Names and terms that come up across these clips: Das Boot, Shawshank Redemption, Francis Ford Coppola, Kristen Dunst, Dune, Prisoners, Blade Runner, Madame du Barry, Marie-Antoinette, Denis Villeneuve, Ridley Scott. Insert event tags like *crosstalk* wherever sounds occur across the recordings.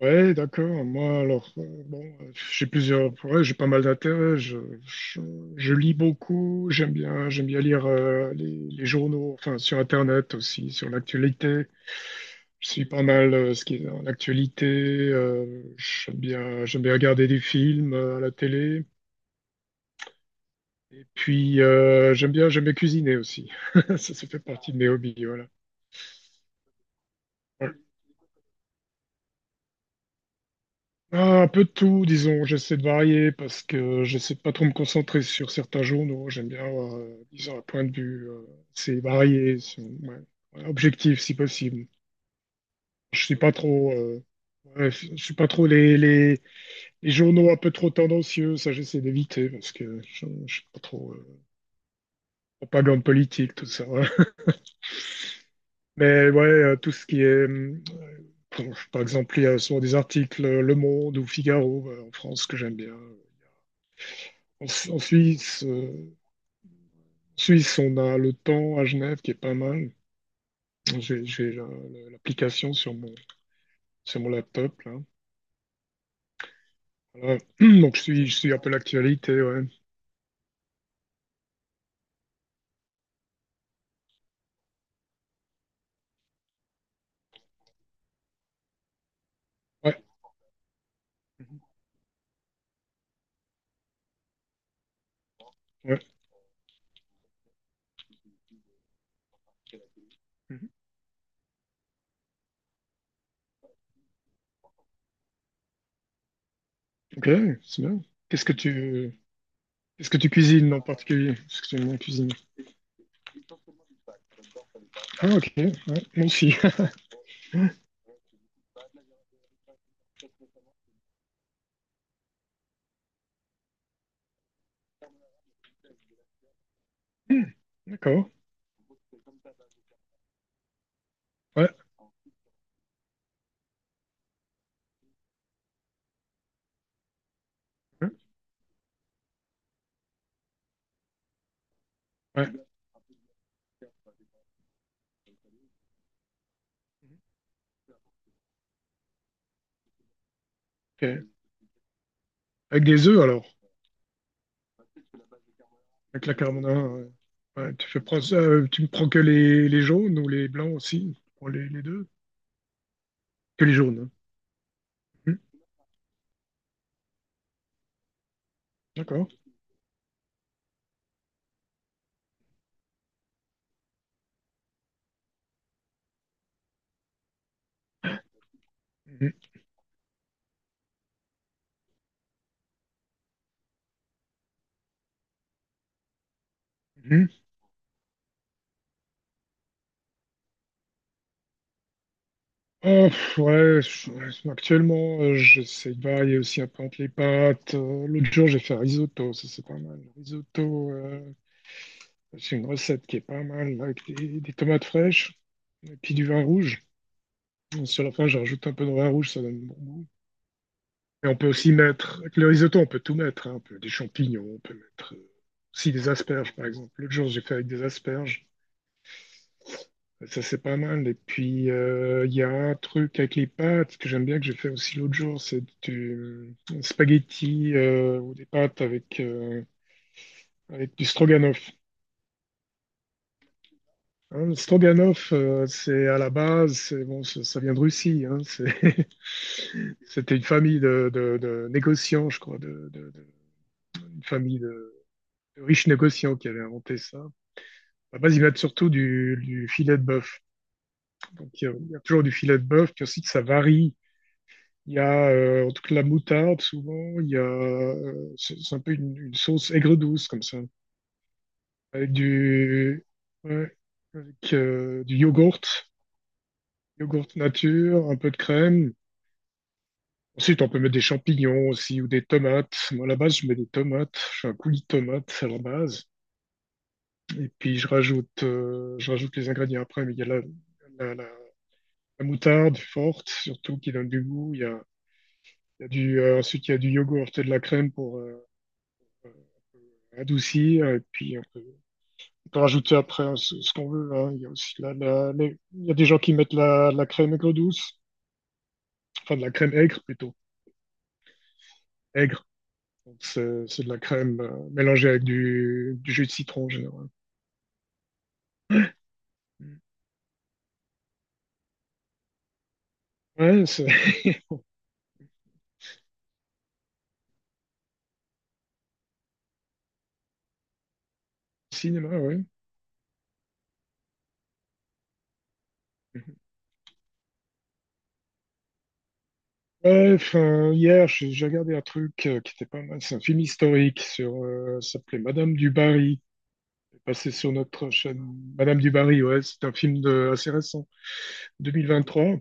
Ouais, d'accord. Moi, alors, bon, j'ai plusieurs, ouais, j'ai pas mal d'intérêts. Je, je lis beaucoup. J'aime bien lire les journaux, enfin, sur Internet aussi, sur l'actualité. Je suis pas mal ce qui est en actualité. J'aime bien regarder des films à la télé. Et puis, j'aime bien cuisiner aussi. *laughs* Ça fait partie de mes hobbies, voilà. Voilà. Ah, un peu de tout, disons. J'essaie de varier parce que j'essaie de pas trop me concentrer sur certains journaux. J'aime bien avoir, disons, un point de vue assez varié, ouais, ouais, objectif si possible. Je suis pas trop, ouais, je suis pas trop les journaux un peu trop tendancieux. Ça, j'essaie d'éviter parce que je suis pas trop propagande politique, tout ça. Ouais. Mais ouais, tout ce qui est, bon, par exemple, il y a souvent des articles Le Monde ou Figaro en France que j'aime bien. En Suisse. Suisse, on a le temps à Genève qui est pas mal. J'ai l'application sur mon laptop, là. Voilà. *clears throat* Donc, je suis un peu l'actualité, ouais. Ouais, ouais. Mhm. Ok, c'est bien. Qu'est-ce que tu, Qu'est-ce que tu cuisines en particulier? Parce que tu aimes bien cuisiner. Ah, ok, ouais, moi aussi. *laughs* Hmm, d'accord. Ouais, ouais, ouais. Ok. Avec des œufs, alors. Avec la carbonara. Ouais. Ouais, tu me prends que les jaunes ou les blancs aussi? Pour les deux? Que les jaunes. Hein. Hmm, d'accord. Mhm, mhm. Oh, pff, ouais, ouais, actuellement, j'essaie de varier aussi un peu entre les pâtes. L'autre jour, j'ai fait un risotto, ça c'est pas mal. Le risotto, c'est une recette qui est pas mal, avec des tomates fraîches et puis du vin rouge. Sur la fin, je rajoute un peu de vin rouge, ça donne bon goût. Et on peut aussi mettre, avec le risotto, on peut tout mettre, hein, on peut des champignons, on peut mettre aussi des asperges, par exemple. L'autre jour, j'ai fait avec des asperges. Ça, c'est pas mal. Et puis, il y a un truc avec les pâtes que j'aime bien, que j'ai fait aussi l'autre jour. C'est du spaghetti ou des pâtes avec, avec du stroganoff. Hein, le stroganoff, c'est à la base, c'est, bon, ça vient de Russie. Hein, *laughs* c'était une famille de négociants, je crois, une famille de riches négociants qui avait inventé ça. À la base, ils mettent surtout du filet de bœuf. Donc, il y a toujours du filet de bœuf, puis aussi que ça varie. Il y a en tout cas la moutarde souvent, il y a c'est un peu une sauce aigre-douce comme ça, avec ouais, du yogourt, yogourt nature, un peu de crème. Ensuite, on peut mettre des champignons aussi ou des tomates. Moi, à la base, je mets des tomates. Je fais un coulis de tomates à la base. Et puis, je rajoute les ingrédients après. Mais il y a la, la- la moutarde forte, surtout, qui donne du goût. Il y a du, Ensuite, il y a du yogourt et de la crème pour, adouci, et puis on peut rajouter après hein, ce qu'on veut. Hein. Il y a des gens qui mettent la crème aigre-douce, enfin de la crème aigre plutôt, aigre. Donc c'est de la crème mélangée avec du jus de citron en général. Ouais, c'est *laughs* cinéma, ouais. Ouais, enfin, hier, j'ai regardé un truc qui était pas mal. C'est un film historique sur, ça s'appelait Madame du Barry. C'est passé sur notre chaîne. Madame du Barry, ouais, c'est un film de, assez récent, 2023.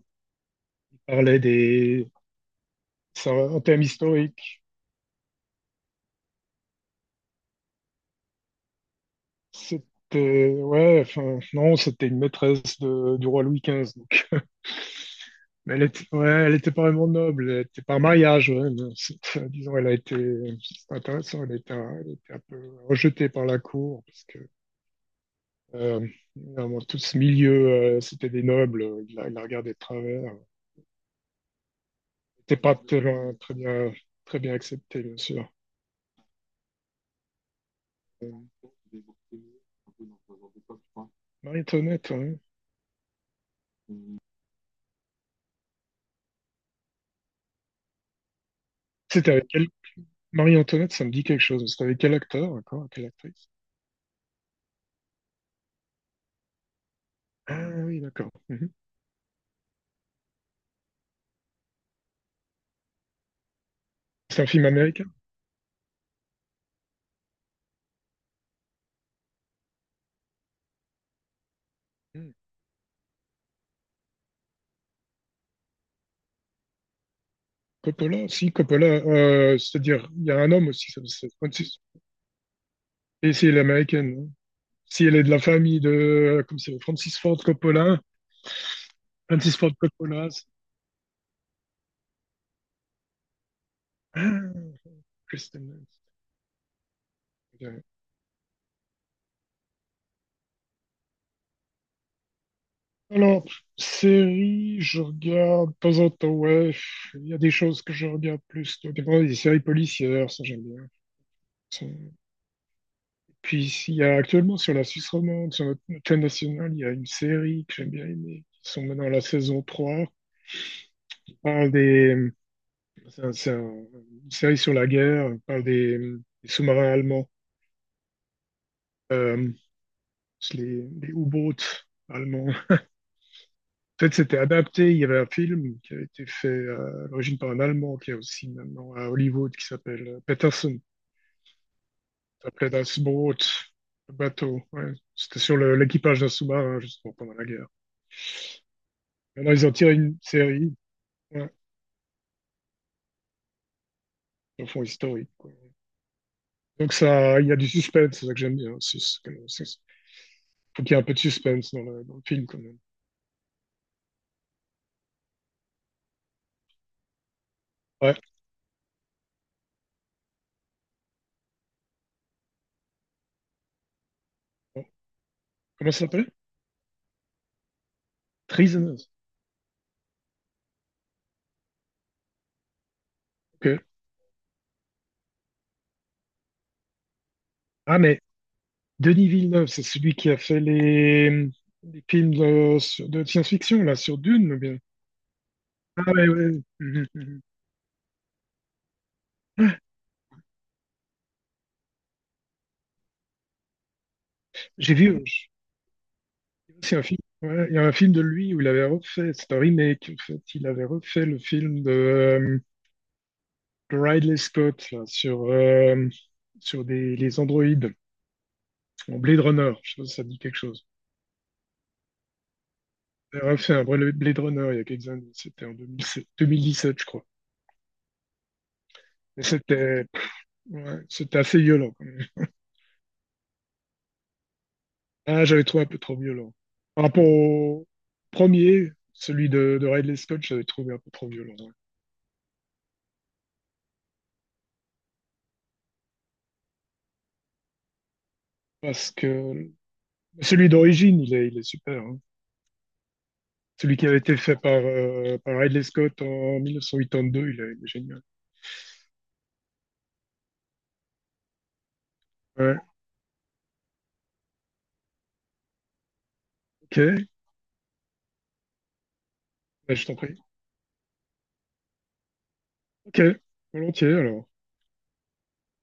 Il parlait des, c'est un thème historique. C'était, ouais, enfin, non, c'était une maîtresse du roi Louis XV. Donc. Mais elle était, ouais, elle était pas vraiment noble, elle était par mariage, ouais, disons, c'est intéressant, elle a été un peu rejetée par la cour, parce que, euh, vraiment, tout ce milieu, c'était des nobles, il la regardait de travers. Elle n'était pas très bien acceptée, bien sûr. Euh, Marie-Antoinette, ouais. C'était avec elle Marie-Antoinette, ça me dit quelque chose. C'était avec quel acteur, d'accord, quelle actrice? Ah oui, d'accord. Mhm. C'est un film américain? Mhm. Coppola? Si, Coppola. C'est-à-dire, il y a un homme aussi. Francis- Et si elle est américaine, hein. Si elle est de la famille de, comme c'est Francis Ford Coppola, Francis Ford Coppola. Ah, Kristen Dunst. Ok. Alors, série, je regarde de temps en temps, ouais, il y a des choses que je regarde plus. Des fois, des séries policières, ça j'aime bien. Puis il y a actuellement sur la Suisse romande, sur notre chaîne nationale, il y a une série que j'aime bien aimer, qui sont maintenant à la saison 3 qui parle des... C'est un- c'est un- une série sur la guerre, qui parle des sous-marins allemands, euh, les U-boats allemands. En fait, c'était adapté, il y avait un film qui a été fait à l'origine par un Allemand, qui est aussi maintenant à Hollywood, qui s'appelle Peterson. Ça s'appelait Das Boot, le bateau. Ouais. C'était sur l'équipage d'un sous-marin, justement, pendant la guerre. Maintenant, ils ont tiré une série. Ouais, le fond historique, quoi. Donc ça, il y a du suspense, c'est ça que j'aime bien aussi. Faut qu'il y ait un peu de suspense dans le film quand même. Ouais. Bon. Comment ça s'appelle? Prisoners. Ok. Ah mais Denis Villeneuve, c'est celui qui a fait les films de, de science-fiction là sur Dune, ou bien. Ah ouais, ouais. Mhm, mhm. J'ai vu aussi un film. Ouais, il y a un film de lui où il avait refait, c'est un remake en fait. Il avait refait le film de Ridley Scott là, sur sur des les androïdes. Bon, Blade Runner, je sais pas si ça dit quelque chose. Elle a fait un Blade Runner il y a quelques années, c'était en 2007 2017, je crois. Et c'était pff, ouais, c'était assez violent quand même. Ah, j'avais trouvé un peu trop violent. Par rapport au premier, celui de Ridley Scott, j'avais trouvé un peu trop violent. Ouais. Parce que celui d'origine, il est super. Hein. Celui qui avait été fait par, par Ridley Scott en 1982, il est génial. Ouais, ok, bah, je t'en prie. Ok, volontiers alors.